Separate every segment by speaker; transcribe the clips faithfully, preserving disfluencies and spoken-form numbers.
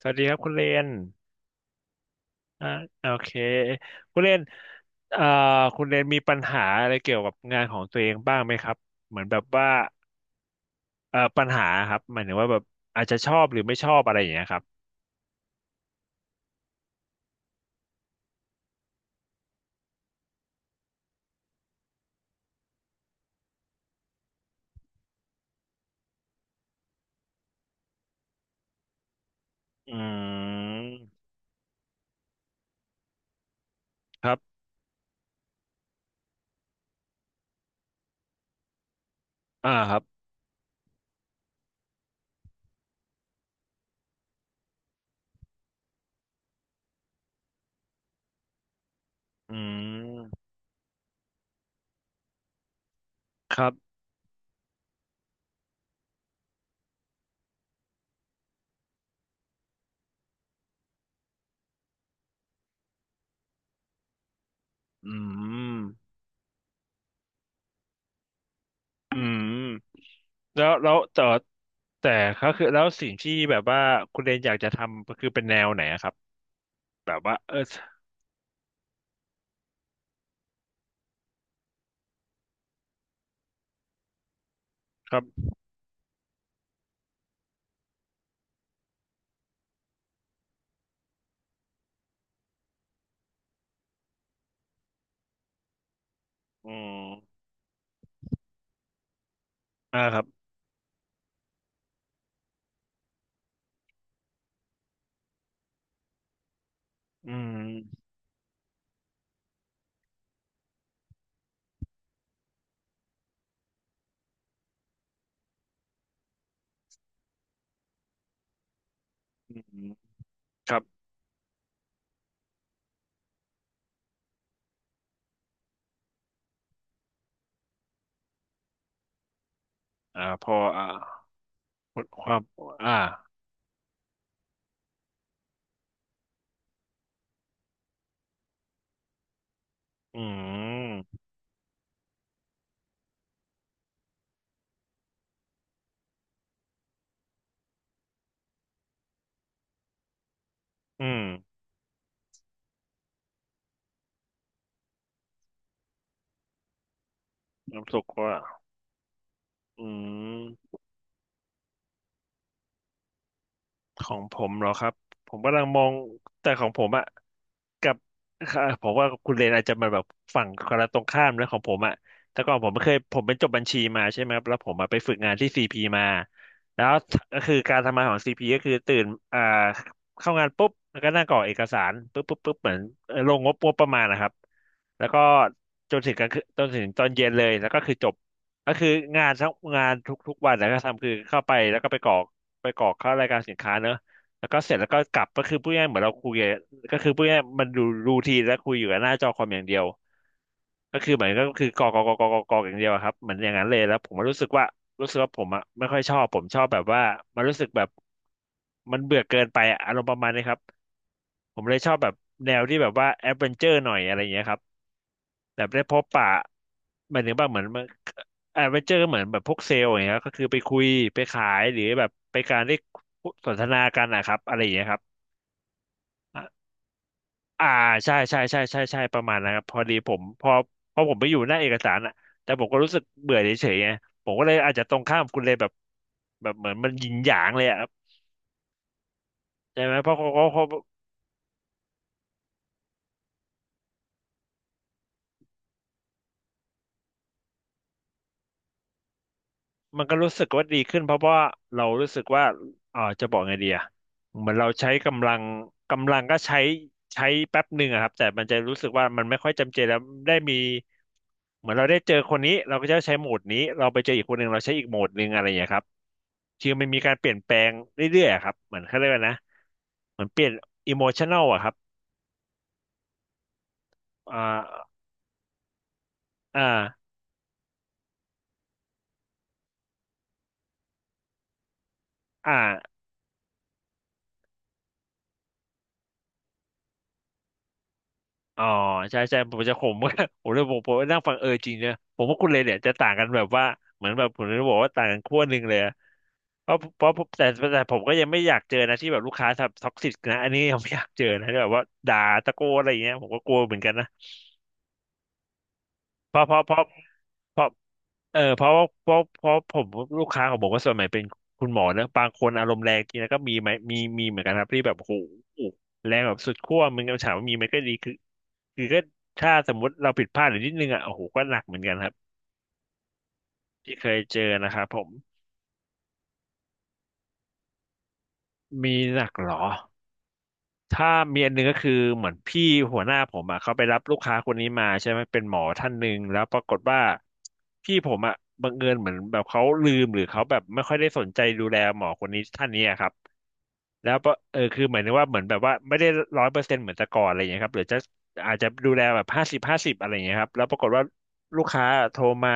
Speaker 1: สวัสดีครับคุณเลนอ่าโอเคคุณเลนเอ่อคุณเลนมีปัญหาอะไรเกี่ยวกับงานของตัวเองบ้างไหมครับเหมือนแบบว่าเอ่อปัญหาครับหมายถึงว่าแบบอาจจะชอบหรือไม่ชอบอะไรอย่างเงี้ยครับอืมครับอ่าครับอืมครับอืมอืมแล้วแล้วแต่แต่ก็คือแล้วสิ่งที่แบบว่าคุณเลนอยากจะทำก็คือเป็นแนวไหนอะครับแบบว่าเออครับอืมอ่าครับอืมอืมครับ อ่าพออ่าความอ่าอืมอืมน้ำตกว่าอืม ของผมเหรอครับผมกำลังมองแต่ของผมอะกับค่ะผมว่าคุณเรนอาจจะมาแบบฝั่งคนละตรงข้ามแล้วของผมอะแต่ก่อนผมไม่เคยผมเป็นจบบัญชีมาใช่ไหมครับแล้วผมมาไปฝึกงานที่ซีพีมาแล้วก็คือการทำงานของซีพีก็คือตื่นอ่าเข้างานปุ๊บแล้วก็นั่งกรอกเอกสารปุ๊บปุ๊บปุ๊บเหมือนเอ่อลงงบงบประมาณนะครับแล้วก็จนถึงกลางคืนจนถึงตอนเย็นเลยแล้วก็คือจบก็คืองานทั้งงานทุกๆวันแล้วก็ทำคือเข้าไปแล้วก็ไปกรอก ไปกรอกเข้ารายการสินค้าเนอะแล้วก็เสร็จแล้วก็กลับก็คือพูดง่ายๆเหมือนเราคุยอะก็คือพูดง่ายๆมันดูรูทีนและคุยอยู่กับหน้าจอคอมอย่างเดียวก็คือเหมือนก็คือกรอกกรอกกรอกกรอกกรอกอย่างเดียวอะครับเหมือนอย่างนั้นเลยแล้วผมก็รู้สึกว่ารู้สึกว่าผมอะไม่ค่อยชอบผมชอบแบบว่ามันรู้สึกแบบมันเบื่อเกินไปอะอารมณ์ประมาณนี้ครับ ผมเลยชอบแบบแนวที่แบบว่าแอดเวนเจอร์หน่อยอะไรอย่างเงี้ยครับแบบได้พบปะหมายถึงว่าเหมือนแอดเวนเจอร์เหมือนแบบพวกเซลล์อย่างเงี้ยก็คือไปคุยไปขายหรือแบบไปการได้สนทนากันนะครับอะไรอย่างเงี้ยครับอ่ะอ่าใช่ใช่ใช่ใช่ใช่ประมาณนะครับพอดีผมพอพอผมไปอยู่หน้าเอกสารอะแต่ผมก็รู้สึกเบื่อเฉยๆไงผมก็เลยอาจจะตรงข้ามคุณเลยแบบแบบเหมือนมันหยินหยางเลยอะครับใช่ไหมเพราะเขาเขาเขา มันก็รู้สึกว่าดีขึ้นเพราะว่าเรารู้สึกว่าเออจะบอกไงดีอะเหมือนเราใช้กำลังกำลังก็ใช้ใช้แป๊บหนึ่งอะครับแต่มันจะรู้สึกว่ามันไม่ค่อยจำเจแล้วได้มีเหมือนเราได้เจอคนนี้เราก็จะใช้โหมดนี้เราไปเจออีกคนหนึ่งเราใช้อีกโหมดหนึ่งอะไรอย่างเงี้ยครับคือมันมีการเปลี่ยนแปลงเรื่อยๆอะครับเหมือนเขาเรียกว่านะเหมือนเปลี่ยนอิโมชันแนลอะครับอ่าอ่าอ่า อ๋อใช่ใช่ผมจะขม ว่าผมเลยบอกผมนั่งฟังเออจริงเนี่ยผมว่าคุณเลยเนี่ยจะต่างกันแบบว่าเหมือนแบบผมจะบอกว่าต่างกันขั้วหนึ่งเลยอะเพราะเพราะแต่แต่ผมก็ยังไม่อยากเจอนะที่แบบลูกค้าท็อกซิกนะอันนี้ยังไม่อยากเจอนะที่แบบว่าด่าตะโกนอะไรอย่างเงี้ยผมก็กลัวเหมือนกันนะเพราะเพราะเพราะเพราะเออเพราะว่าเพราะเพราะผมลูกค้าของผมก็ส่วนใหญ่เป็นคุณหมอนะบางคนอารมณ์แรงจริงนะก็มีไหมมีมีเหมือนกันครับที่แบบโอ้โหแรงแบบสุดขั้วมึงก็ถามว่ามีไหมก็ดีคือ คือก็ถ้าสมมุติเราผิดพลาดหรือนิดนึงอ่ะโอ้โหก็หนักเหมือนกันครับที่เคยเจอนะครับผมมีหนักเหรอถ้ามีอันหนึงก็คือเหมือนพี่หัวหน้าผมอ่ะเขาไปรับลูกค้าคนนี้มาใช่ไหมเป็นหมอท่านหนึ่งแล้วปรากฏว่าพี่ผมอ่ะบังเอิญเหมือนแบบเขาลืมหรือเขาแบบไม่ค่อยได้สนใจดูแลหมอคนนี้ท่านนี้อะครับ แล้วก็เออคือหมายถึงว่าเหมือนแบบว่าไม่ได้ร้อยเปอร์เซ็นต์เหมือนแต่ก่อนอะไรอย่างเงี้ยครับหรือจะอาจจะดูแลแบบห้าสิบห้าสิบอะไรอย่างเงี้ยครับแล้วปรากฏว่าลูกค้าโทรมา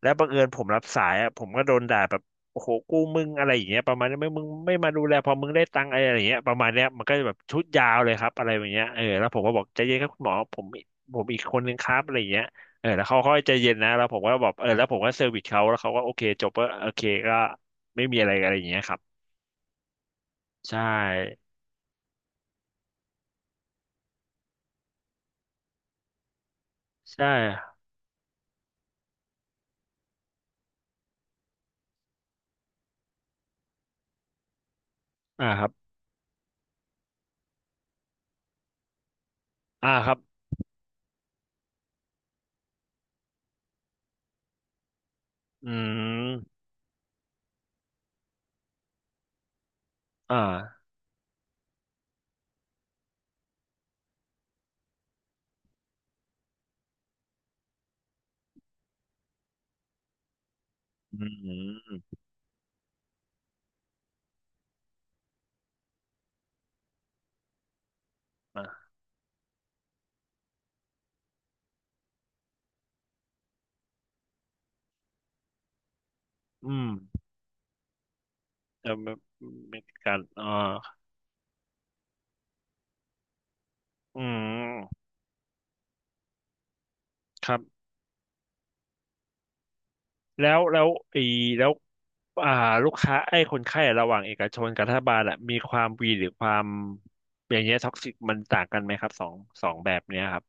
Speaker 1: แล้วบังเอิญผมรับสายอ่ะผมก็โดนด่าแบบโอ้โหกูมึงอะไรอย่างเงี้ยประมาณนี้ไม่มึงไม่มาดูแลพอมึงได้ตังค์อะไรอย่างเงี้ยประมาณเนี้ยมันก็จะแบบชุดยาวเลยครับอะไรอย่างเงี้ยเออแล้วผมก็บอกใจเย็นครับคุณหมอผมผมอีกคนนึงครับอะไรอย่างเงี้ยเออแล้วเขาค่อยใจเย็นนะแล้วผมก็บอกเออแล้วผมก็เซอร์วิสเขาแล้วเขาก็โอเคจบก็โอเคก็ไม่มีอะไรอะไรอย่างเงี้ยครับใช่ ใช่อ่าครับอ่าครับอืมอ่าอืมอ่าอืมจะไม่ไม่การอ่าอืมครับแล้วแล้วไอีแล้วอ่าลูกค้าไอ้คนไข้ระหว่างเอกชนกับรัฐบาลอะมีความวีหรือความอย่างเงี้ยท็อกซิกมันต่างกันไหมครับสองสองแบบเนี้ยครับ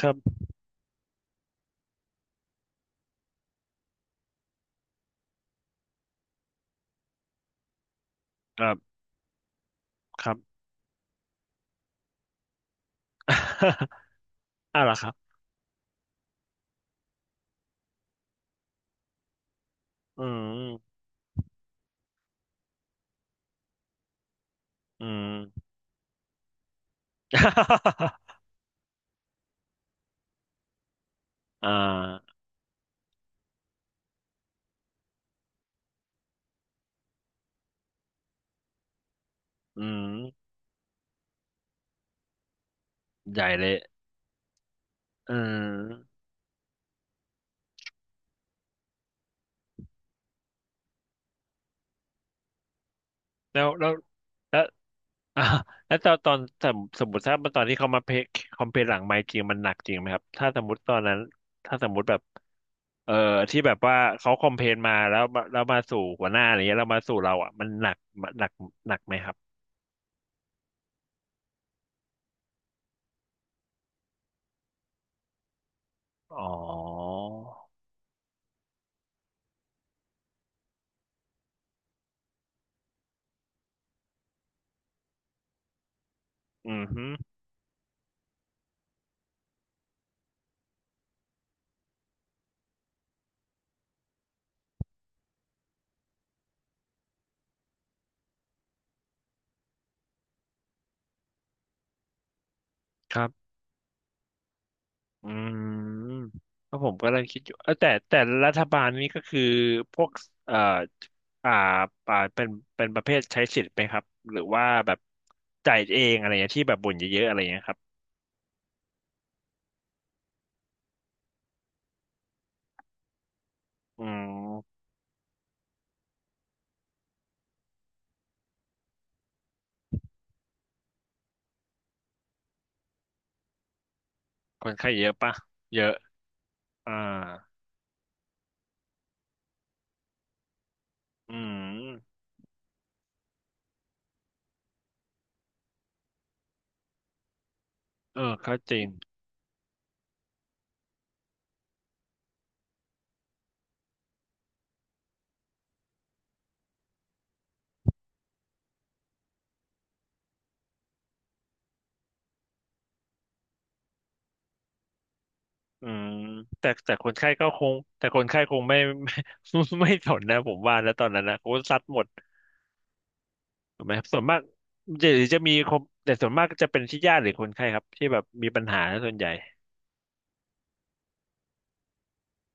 Speaker 1: ครับครับ ครับ อ่าล่ะครับอืมอืม อ่าอืมใหญ่เลยอืม แล้วแล้วแล้ว อ่าแล้วตอนตอนสมสมมติถ้าตอนที่เขามาเพคคอมเพลหลังไมค์จริงมันหนักจริงไหมครับถ้าสมมติตอนนั้นถ้าสมมติแบบเอ่อที่แบบว่าเขาคอมเพลมาแล้วมาแล้วมาสู่หัวหน้าอะไรเงี้ยแล้วมาสู่เราอ่ะมันหนักหนักหนักไหมครับอ๋ออือฮึครับ อืมก็ผมกเลยคิดอยู่เออแต่แต่รัฐบาลนี้ก็คือพวกเอ่ออ่าอ่าเป็นเป็นประเภทใช้สิทธิ์ไหมครับหรือว่าแบบจ่ายเองอะไรเงี้ยที่แบบบ่นเยอะๆอะไรเงี้ยครับอืมคนไข้เยอะปะเยอะอ่าอืมเออก็จริงอืมแต่แต่คนไข้ก็คงแต่คนไข้คงไม่ ไม่ไม่สนนะผมว่าแล้วตอนนั้นนะเขาซัดหมด ถูกไหมส่วนมากจะหรือจะมีคนแต่ส่วนมากก็จะเป็นที่ญาติหรือคนไข้ครับที่แบบมีปัญหาส่วนใหญ่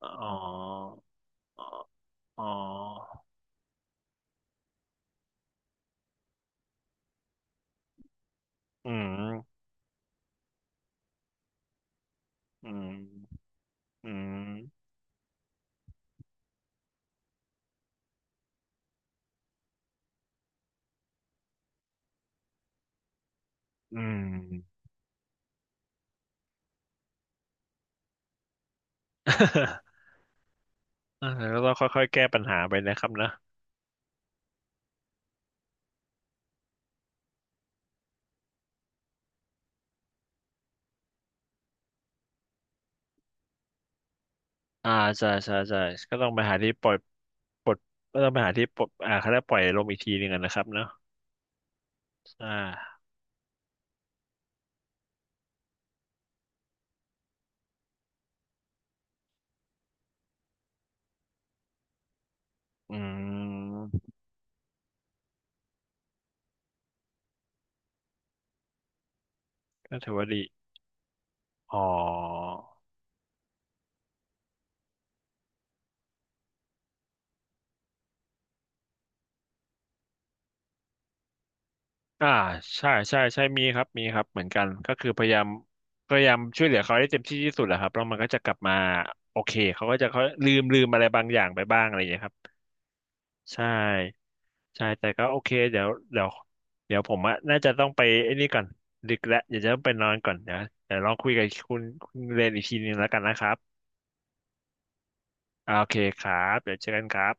Speaker 1: อ๋ออ๋ออืมอืมอืมอืม อ่ะ แล้วก็ต้องค่อยๆแก้ปัญหาไปนะครับนะอ่าใช่ใช่ใช่ก็ต้องไปหาที่ปล่อยปลดก็ต้องไปหาที่ปลดอ่าเขาได้ปล่อยลมอีกทีหนึ่งอะนะครับเนาะอ่าอืมก็ถือว่าดีอ๋อ อ่าใช่ใช่ใช่มีครับมีครับเหมือนกันก็คือพยายามพยายามช่วยเหลือเขาให้เต็มที่ที่สุดแหละครับแล้วมันก็จะกลับมาโอเคเขาก็จะเขาลืมลืมอะไรบางอย่างไปบ้างอะไรอย่างเงี้ยครับใช่ใช่แต่ก็โอเคเดี๋ยวเดี๋ยวเดี๋ยวผมอะน่าจะต้องไปไอ้นี่ก่อนดึกแล้วเดี๋ยวจะต้องไปนอนก่อนเดี๋ยวเดี๋ยวลองคุยกับคุณคุณเรนอีกทีนึงแล้วกันนะครับอ่าโอเคครับเดี๋ยวเจอกันครับ